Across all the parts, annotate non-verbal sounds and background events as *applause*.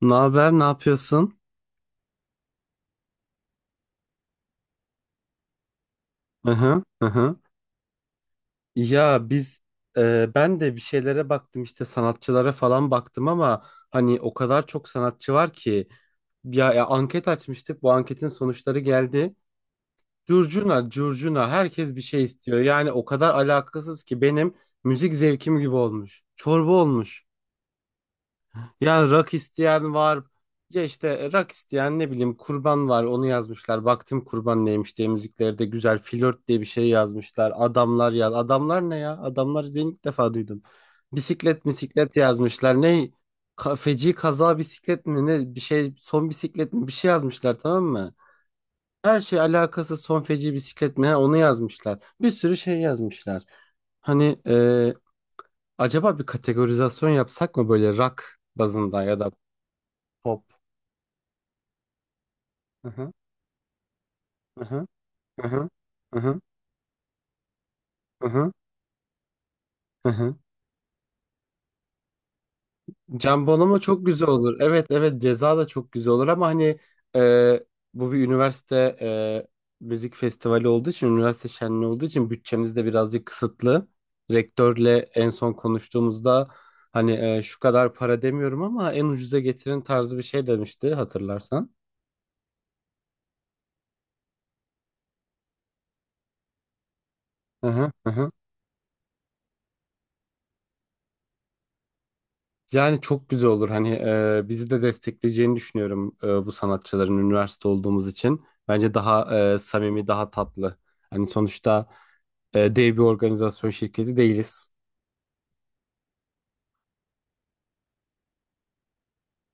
Ne haber, ne yapıyorsun? Hı hı, hı hı. Ya biz. Ben de bir şeylere baktım, işte sanatçılara falan baktım ama hani o kadar çok sanatçı var ki. Ya anket açmıştık, bu anketin sonuçları geldi. Curcuna curcuna herkes bir şey istiyor, yani o kadar alakasız ki benim müzik zevkim gibi olmuş, çorba olmuş. Ya rak isteyen var. Ya işte rak isteyen, ne bileyim, kurban var, onu yazmışlar. Baktım kurban neymiş diye, müziklerde güzel flört diye bir şey yazmışlar. Adamlar yaz. Adamlar ne ya? Adamlar, ben ilk defa duydum. Bisiklet bisiklet yazmışlar. Ne? Feci kaza bisiklet mi ne bir şey, son bisiklet mi bir şey yazmışlar, tamam mı? Her şey alakası son feci bisiklet mi, ha, onu yazmışlar. Bir sürü şey yazmışlar. Hani acaba bir kategorizasyon yapsak mı, böyle rock bazında ya da pop. Aha, aha, aha, aha, aha, aha. Jambon çok güzel olur. Evet, evet, ceza da çok güzel olur ama hani e, bu bir üniversite, müzik festivali olduğu için, üniversite şenliği olduğu için bütçemiz de birazcık kısıtlı. Rektörle en son konuştuğumuzda hani şu kadar para demiyorum ama en ucuza getirin tarzı bir şey demişti, hatırlarsan. Aha, aha. Yani çok güzel olur. Hani bizi de destekleyeceğini düşünüyorum bu sanatçıların, üniversite olduğumuz için. Bence daha samimi, daha tatlı. Hani sonuçta dev bir organizasyon şirketi değiliz.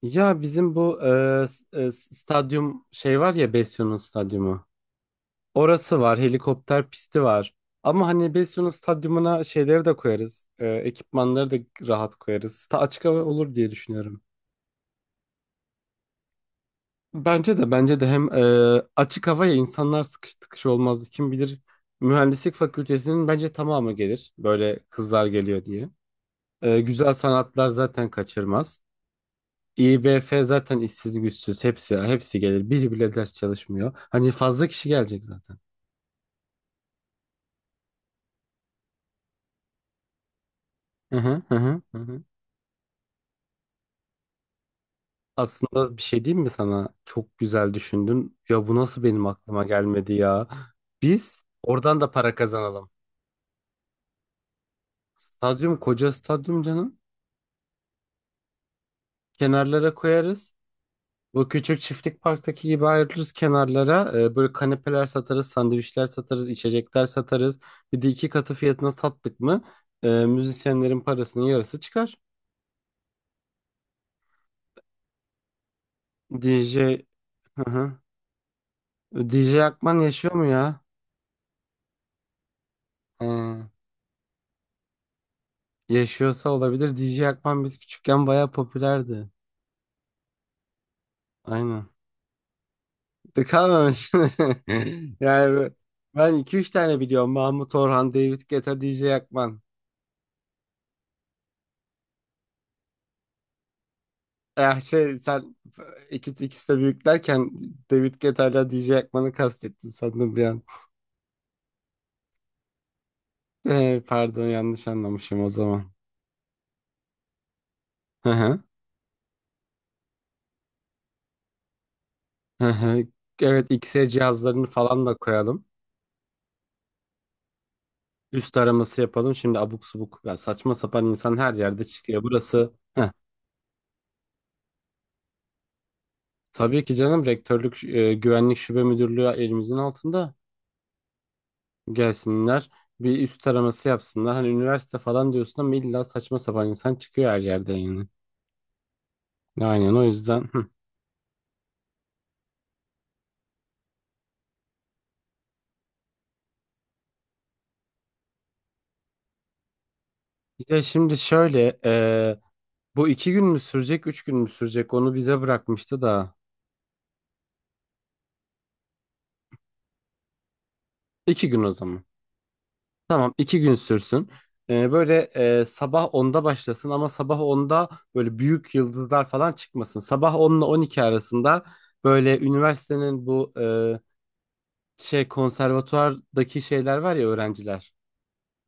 Ya bizim bu stadyum şey var ya, Besyo'nun stadyumu. Orası var, helikopter pisti var. Ama hani Besyo'nun stadyumuna şeyleri de koyarız. Ekipmanları da rahat koyarız. Ta açık hava olur diye düşünüyorum. Bence de, bence de hem açık havaya insanlar sıkış tıkış olmazdı. Kim bilir, mühendislik fakültesinin bence tamamı gelir. Böyle kızlar geliyor diye. Güzel sanatlar zaten kaçırmaz. İBF zaten işsiz güçsüz, hepsi gelir. Biri bile ders çalışmıyor. Hani fazla kişi gelecek zaten. Hı hı, hı hı, hı hı. Aslında bir şey diyeyim mi sana? Çok güzel düşündün. Ya bu nasıl benim aklıma gelmedi ya? Biz oradan da para kazanalım. Stadyum, koca stadyum canım. Kenarlara koyarız. Bu küçük çiftlik parktaki gibi ayrılırız kenarlara. Böyle kanepeler satarız, sandviçler satarız, içecekler satarız. Bir de iki katı fiyatına sattık mı müzisyenlerin parasının yarısı çıkar. DJ, hı hı. DJ Akman yaşıyor mu ya? He, yaşıyorsa olabilir. DJ Akman biz küçükken bayağı popülerdi. Aynen. De kalmamış. *laughs* Yani ben iki üç tane biliyorum. Mahmut Orhan, David Guetta, DJ Akman. Eh, şey sen iki ikisi de büyük derken David Guetta'yla DJ Ekman'ı kastettin sandım bir an. Eh, pardon, yanlış anlamışım o zaman. Hı hı, hı hı. Evet, X-ray cihazlarını falan da koyalım. Üst araması yapalım. Şimdi abuk subuk ya, saçma sapan insan her yerde çıkıyor. Burası. Heh, tabii ki canım, rektörlük güvenlik şube müdürlüğü elimizin altında. Gelsinler bir üst araması yapsınlar. Hani üniversite falan diyorsun ama illa saçma sapan insan çıkıyor her yerde yani. Aynen, o yüzden. Bir de şimdi şöyle bu iki gün mü sürecek, üç gün mü sürecek, onu bize bırakmıştı da iki gün o zaman. Tamam, iki gün sürsün. Böyle sabah 10'da başlasın, ama sabah 10'da böyle büyük yıldızlar falan çıkmasın. Sabah 10 ile 12 arasında böyle üniversitenin bu şey, konservatuvardaki şeyler var ya, öğrenciler.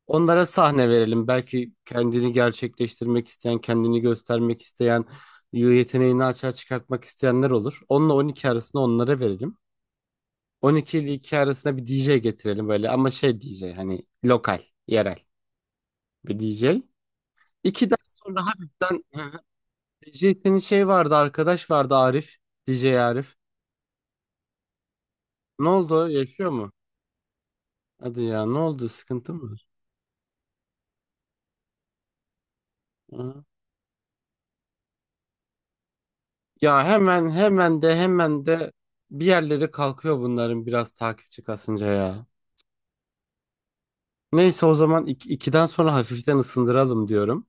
Onlara sahne verelim. Belki kendini gerçekleştirmek isteyen, kendini göstermek isteyen, yeteneğini açığa çıkartmak isteyenler olur. Onunla 12 arasında onlara verelim. 12 ile 2 arasında bir DJ getirelim böyle, ama şey DJ, hani lokal, yerel bir DJ. 2'den sonra hafiften *laughs* DJ, senin şey vardı, arkadaş vardı, Arif. DJ Arif. Ne oldu? Yaşıyor mu? Hadi ya, ne oldu? Sıkıntı mı var? Ya hemen hemen de, hemen de bir yerleri kalkıyor bunların biraz takipçi kasınca ya. Neyse, o zaman iki, ikiden sonra hafiften ısındıralım diyorum.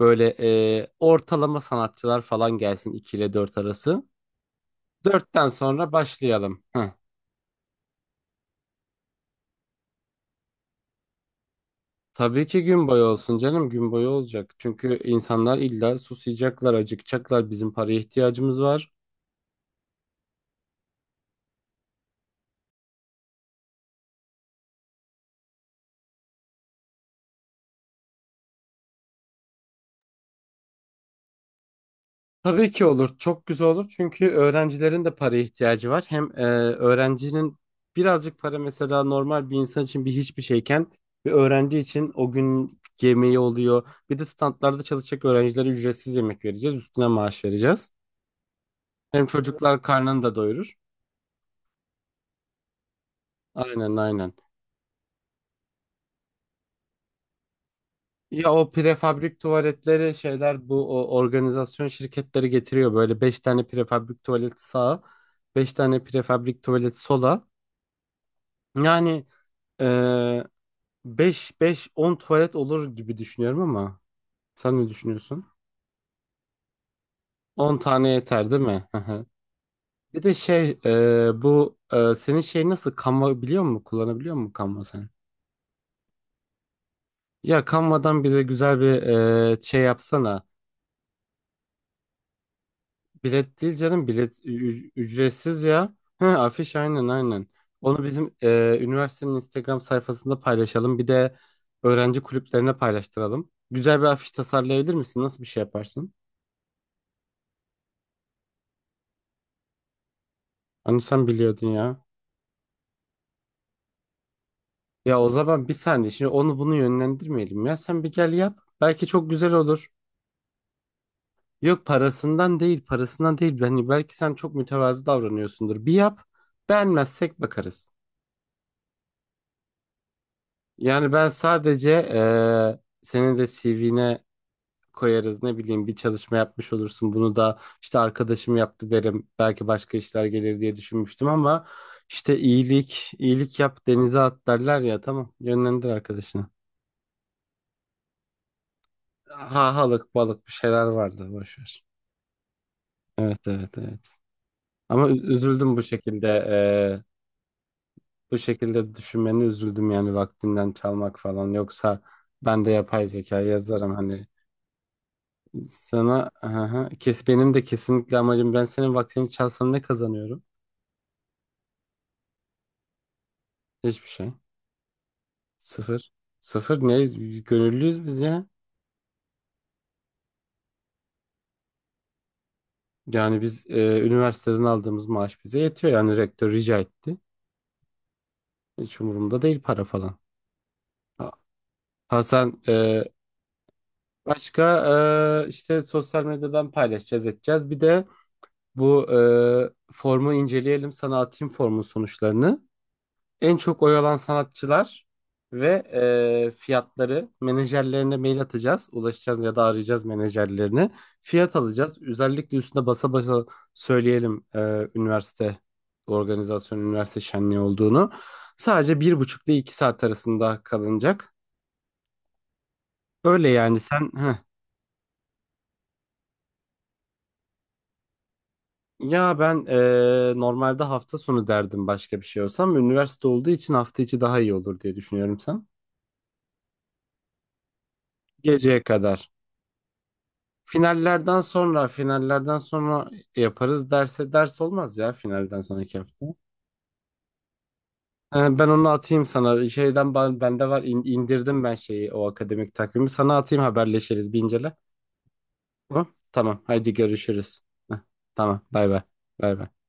Böyle ortalama sanatçılar falan gelsin, 2 ile 4 arası. Dörtten sonra başlayalım. Heh. Tabii ki gün boyu olsun canım, gün boyu olacak. Çünkü insanlar illa susayacaklar, acıkacaklar. Bizim paraya ihtiyacımız var. Tabii ki olur. Çok güzel olur. Çünkü öğrencilerin de paraya ihtiyacı var. Hem öğrencinin birazcık para, mesela normal bir insan için bir hiçbir şeyken bir öğrenci için o gün yemeği oluyor. Bir de standlarda çalışacak öğrencilere ücretsiz yemek vereceğiz. Üstüne maaş vereceğiz. Hem çocuklar karnını da doyurur. Aynen, aynen. Ya o prefabrik tuvaletleri, şeyler bu, o organizasyon şirketleri getiriyor. Böyle 5 tane prefabrik tuvalet sağa, 5 tane prefabrik tuvalet sola. Yani ee, 5 5 10 tuvalet olur gibi düşünüyorum ama sen ne düşünüyorsun? 10 tane yeter, değil mi? Hı hı. Bir de şey bu senin şey nasıl, Canva biliyor musun? Kullanabiliyor musun Canva sen? Ya Canva'dan bize güzel bir şey yapsana. Bilet değil canım, bilet ücretsiz ya. Hı, afiş, aynen aynen. Onu bizim üniversitenin Instagram sayfasında paylaşalım. Bir de öğrenci kulüplerine paylaştıralım. Güzel bir afiş tasarlayabilir misin? Nasıl bir şey yaparsın? Hani sen biliyordun ya. Ya o zaman bir saniye, şimdi onu bunu yönlendirmeyelim ya. Sen bir gel, yap. Belki çok güzel olur. Yok, parasından değil, parasından değil. Yani belki sen çok mütevazı davranıyorsundur. Bir yap. Beğenmezsek bakarız. Yani ben sadece senin de CV'ne koyarız. Ne bileyim, bir çalışma yapmış olursun. Bunu da işte arkadaşım yaptı derim. Belki başka işler gelir diye düşünmüştüm ama işte iyilik yap denize at derler ya. Tamam, yönlendir arkadaşını. Hahalık balık bir şeyler vardı. Boş ver. Evet, evet, evet. Ama üzüldüm bu şekilde, bu şekilde düşünmeni üzüldüm yani, vaktinden çalmak falan. Yoksa ben de yapay zeka yazarım hani sana, aha kes, benim de kesinlikle amacım, ben senin vaktini çalsam ne kazanıyorum? Hiçbir şey. Sıfır. Sıfır ne? Gönüllüyüz biz ya. Yani biz üniversiteden aldığımız maaş bize yetiyor. Yani rektör rica etti. Hiç umurumda değil para falan. Ha, ha, sen. Başka işte sosyal medyadan paylaşacağız, edeceğiz. Bir de bu formu inceleyelim. Sana atayım formun sonuçlarını. En çok oy alan sanatçılar ve fiyatları menajerlerine mail atacağız. Ulaşacağız ya da arayacağız menajerlerini. Fiyat alacağız. Özellikle üstüne basa basa söyleyelim üniversite organizasyon, üniversite şenliği olduğunu. Sadece bir buçuk ile iki saat arasında kalınacak. Öyle yani sen... Heh. Ya ben normalde hafta sonu derdim başka bir şey olsam. Üniversite olduğu için hafta içi daha iyi olur diye düşünüyorum, sen. Geceye kadar. Finallerden sonra, finallerden sonra yaparız. Derse ders olmaz ya finalden sonraki hafta. Ben onu atayım sana. Şeyden ben, bende var, indirdim ben şeyi, o akademik takvimi. Sana atayım, haberleşiriz, bir incele. Hı? Tamam. Haydi, görüşürüz. Heh, tamam. Bay bay. Bay bay.